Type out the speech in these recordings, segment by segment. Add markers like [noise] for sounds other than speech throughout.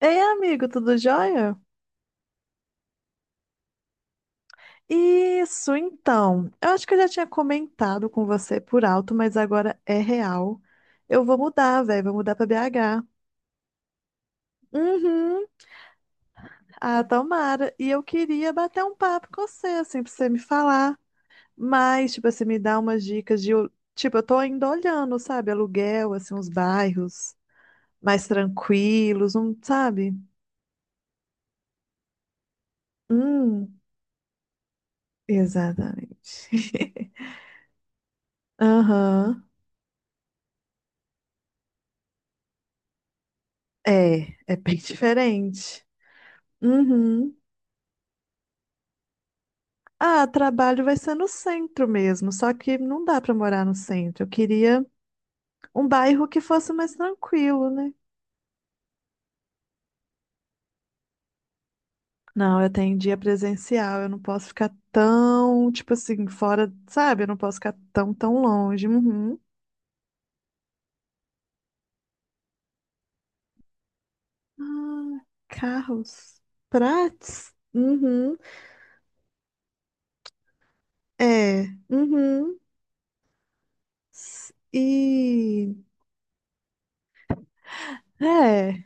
Ei, amigo, tudo jóia? Isso, então. Eu acho que eu já tinha comentado com você por alto, mas agora é real. Eu vou mudar, velho, vou mudar pra BH. Uhum. Ah, tomara. E eu queria bater um papo com você, assim, pra você me falar. Mas, tipo, você me dá umas dicas de. Tipo, eu tô ainda olhando, sabe? Aluguel, assim, uns bairros mais tranquilos, sabe? Hum, exatamente. [laughs] Aham. É bem [laughs] diferente. Uhum. Ah, trabalho vai ser no centro mesmo, só que não dá para morar no centro. Eu queria um bairro que fosse mais tranquilo, né? Não, eu tenho dia presencial, eu não posso ficar tão, tipo assim, fora, sabe? Eu não posso ficar tão, tão longe. Uhum. Ah, carros, prates. Uhum. É. Uhum. E é.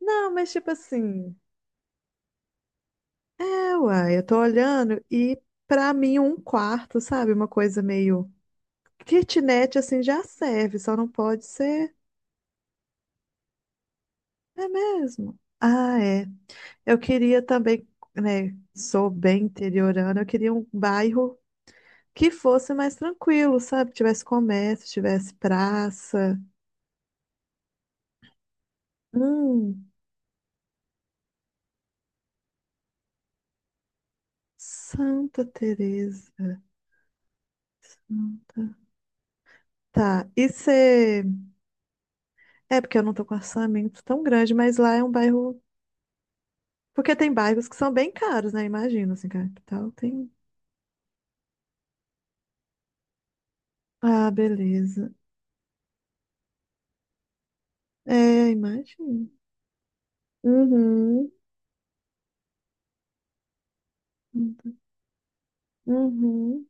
Não, mas tipo assim, uai, eu tô olhando e pra mim um quarto, sabe? Uma coisa meio kitnet assim já serve, só não pode ser. É mesmo. Ah, é. Eu queria também, né? Sou bem interiorana, eu queria um bairro que fosse mais tranquilo, sabe? Tivesse comércio, tivesse praça. Hum, Santa Teresa. Santa- Tá. E você. É porque eu não tô com orçamento tão grande, mas lá é um bairro. Porque tem bairros que são bem caros, né? Imagina, assim, capital tem. Ah, beleza. É, imagina. Uhum. Uhum.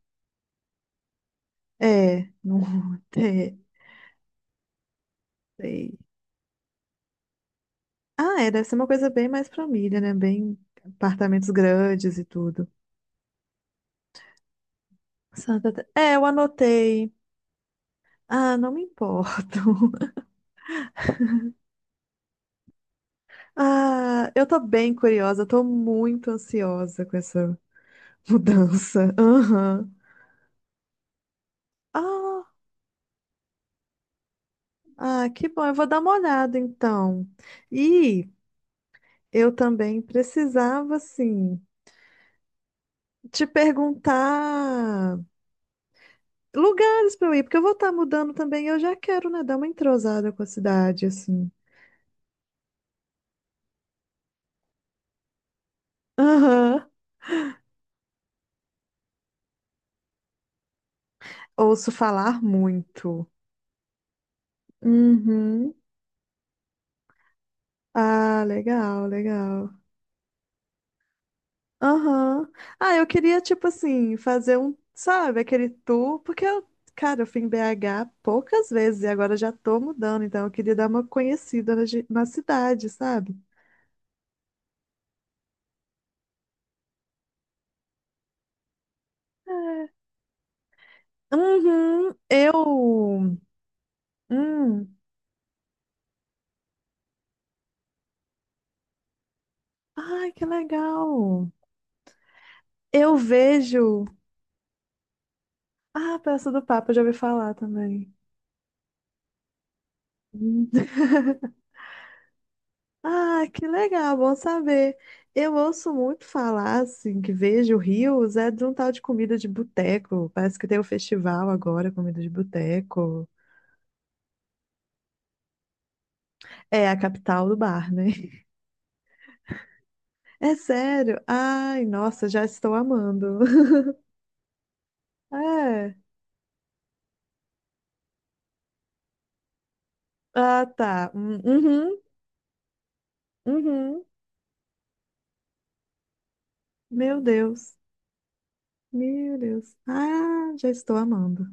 É, não [laughs] é, é. Ah, é, deve ser uma coisa bem mais família, né? Bem apartamentos grandes e tudo. É, eu anotei. Ah, não me importo. [laughs] Ah, eu tô bem curiosa, tô muito ansiosa com essa mudança. Aham. Ah, Ah, que bom, eu vou dar uma olhada então. E eu também precisava, assim, te perguntar lugares para eu ir, porque eu vou estar mudando também, eu já quero, né, dar uma entrosada com a cidade, assim. Aham. Ouço falar muito. Uhum. Ah, legal, legal. Aham. Ah, eu queria, tipo assim, fazer um, sabe, aquele tour, porque eu, cara, eu fui em BH poucas vezes e agora já tô mudando, então eu queria dar uma conhecida na cidade, sabe? É. Uhum, eu. Hum. Ai, que legal! Eu vejo. Ah, a Praça do Papa, eu já ouvi falar também. Hum. [laughs] Ah, que legal, bom saber. Eu ouço muito falar, assim, que vejo rios, é de um tal de comida de boteco. Parece que tem um festival agora, comida de boteco. É a capital do bar, né? [laughs] É sério? Ai, nossa, já estou amando. [laughs] É. Ah, tá. Uhum, uhum. Meu Deus. Meu Deus. Ah, já estou amando.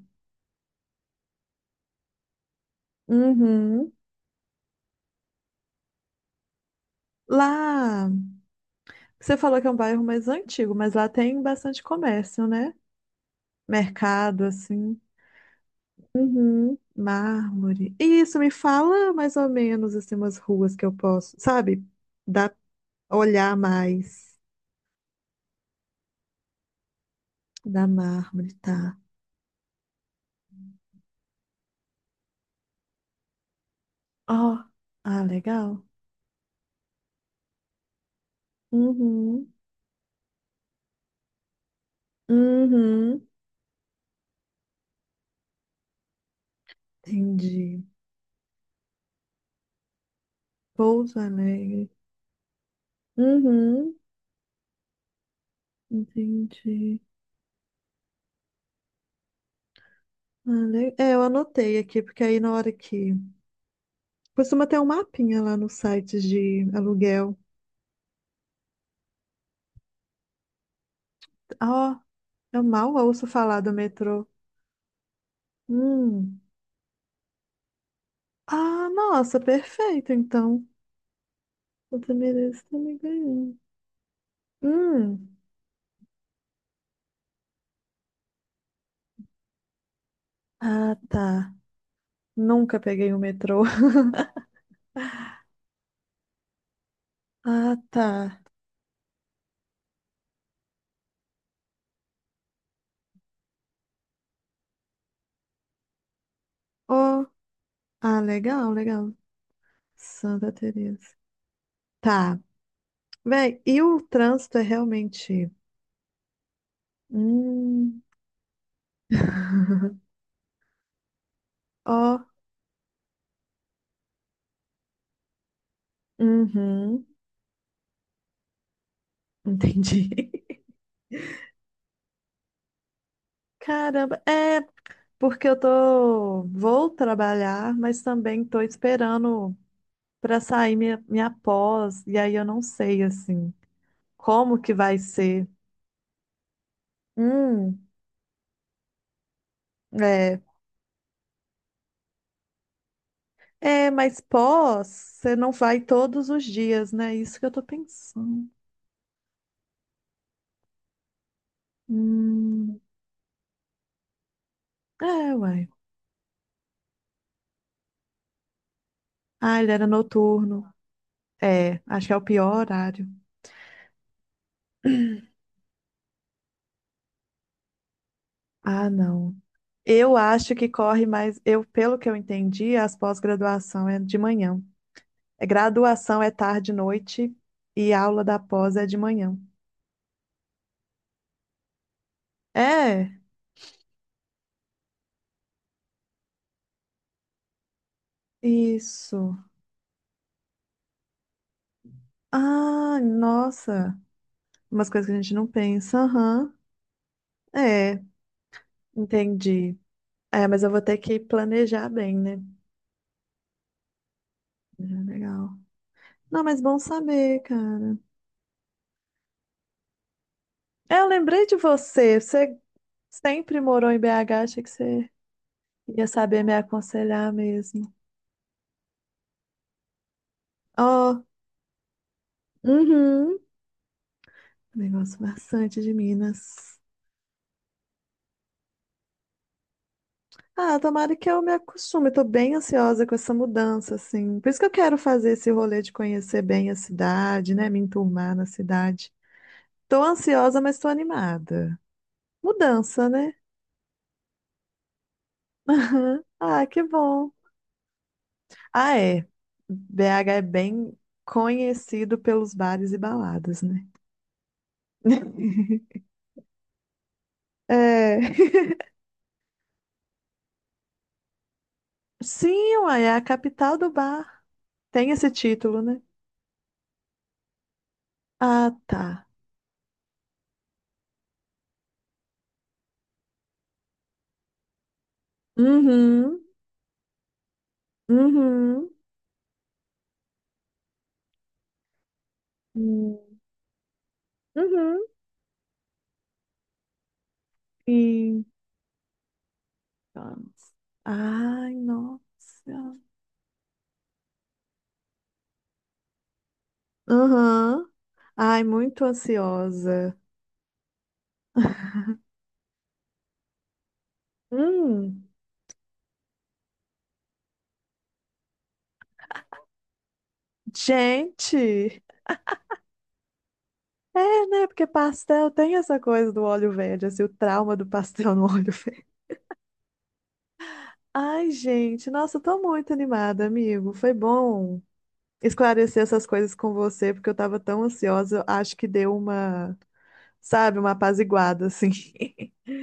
Uhum. Lá, você falou que é um bairro mais antigo, mas lá tem bastante comércio, né? Mercado, assim, Uhum. Mármore. Isso me fala mais ou menos, assim, umas ruas que eu posso, sabe? Dá olhar mais da Mármore, tá? Ó, ah, legal. Uhum. Uhum. Entendi. Pouso Alegre. Uhum. Entendi. Ah, é, eu anotei aqui, porque aí na hora que. Costuma ter um mapinha lá no site de aluguel. Ó, eu mal ouço falar do metrô. Hum. Ah, nossa, perfeito, então. Você merece também me. Hum. Ah, tá. Nunca peguei o metrô. [laughs] Ah, tá. Oh. Ah, legal, legal. Santa Teresa. Tá. Véi, e o trânsito é realmente. Hum. [laughs] Ó. Uhum. Entendi. [laughs] Caramba, é porque eu tô. Vou trabalhar, mas também tô esperando para sair minha pós, e aí eu não sei assim como que vai ser. Hum, é. É, mas pós, você não vai todos os dias, né? Isso que eu tô pensando. Hum, é, uai. Ah, ele era noturno. É, acho que é o pior horário. [clears throat] Ah, não. Eu acho que corre mais. Pelo que eu entendi, as pós-graduação é de manhã. É, graduação é tarde e noite e aula da pós é de manhã. É, isso. Ah, nossa. Umas coisas que a gente não pensa. Aham. É, entendi. É, mas eu vou ter que planejar bem, né? É, legal. Não, mas bom saber, cara. É, eu lembrei de você. Você sempre morou em BH, achei que você ia saber me aconselhar mesmo. Ó, uhum. Também gosto bastante de Minas. Ah, tomara que eu me acostume. Tô bem ansiosa com essa mudança, assim. Por isso que eu quero fazer esse rolê de conhecer bem a cidade, né? Me enturmar na cidade. Tô ansiosa, mas tô animada. Mudança, né? Aham. Ah, que bom. Ah, é. BH é bem conhecido pelos bares e baladas, né? [laughs] É. Sim, uai, é a capital do bar. Tem esse título, né? Ah, tá. Uhum, uhum, hum, uhum. Então. Ai, nossa. Aham. Ai, muito ansiosa. Hum, gente. É, né? Porque pastel tem essa coisa do óleo verde, assim, o trauma do pastel no óleo [laughs] verde. Ai, gente, nossa, eu tô muito animada, amigo. Foi bom esclarecer essas coisas com você, porque eu tava tão ansiosa. Eu acho que deu uma, sabe, uma apaziguada, assim. [laughs]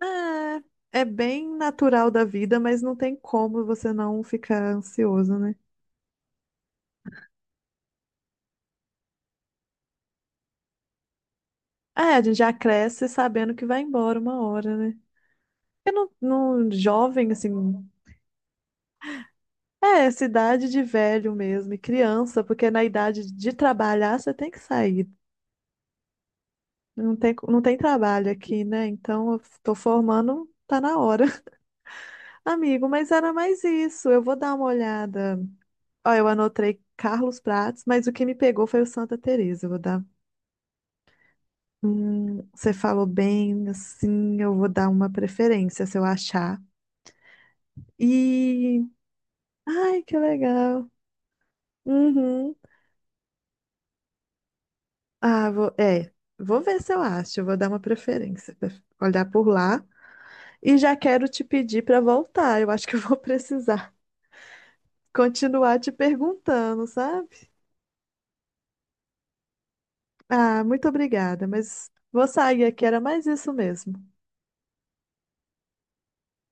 Ah, é bem natural da vida, mas não tem como você não ficar ansioso, né? É, a gente já cresce sabendo que vai embora uma hora, né? Porque no jovem, assim, É, cidade de velho mesmo, e criança, porque na idade de trabalhar você tem que sair. Não tem, não tem trabalho aqui, né? Então eu tô formando, tá na hora. [laughs] Amigo, mas era mais isso. Eu vou dar uma olhada. Ó, eu anotei Carlos Prates, mas o que me pegou foi o Santa Teresa. Eu vou dar. Você falou bem, assim, eu vou dar uma preferência se eu achar. E. Ai, que legal. Uhum. Ah, vou ver se eu acho, eu vou dar uma preferência pra olhar por lá. E já quero te pedir para voltar, eu acho que eu vou [laughs] precisar continuar te perguntando, sabe? Ah, muito obrigada, mas vou sair aqui, era mais isso mesmo.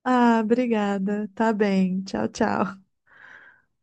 Ah, obrigada, tá bem, tchau, tchau.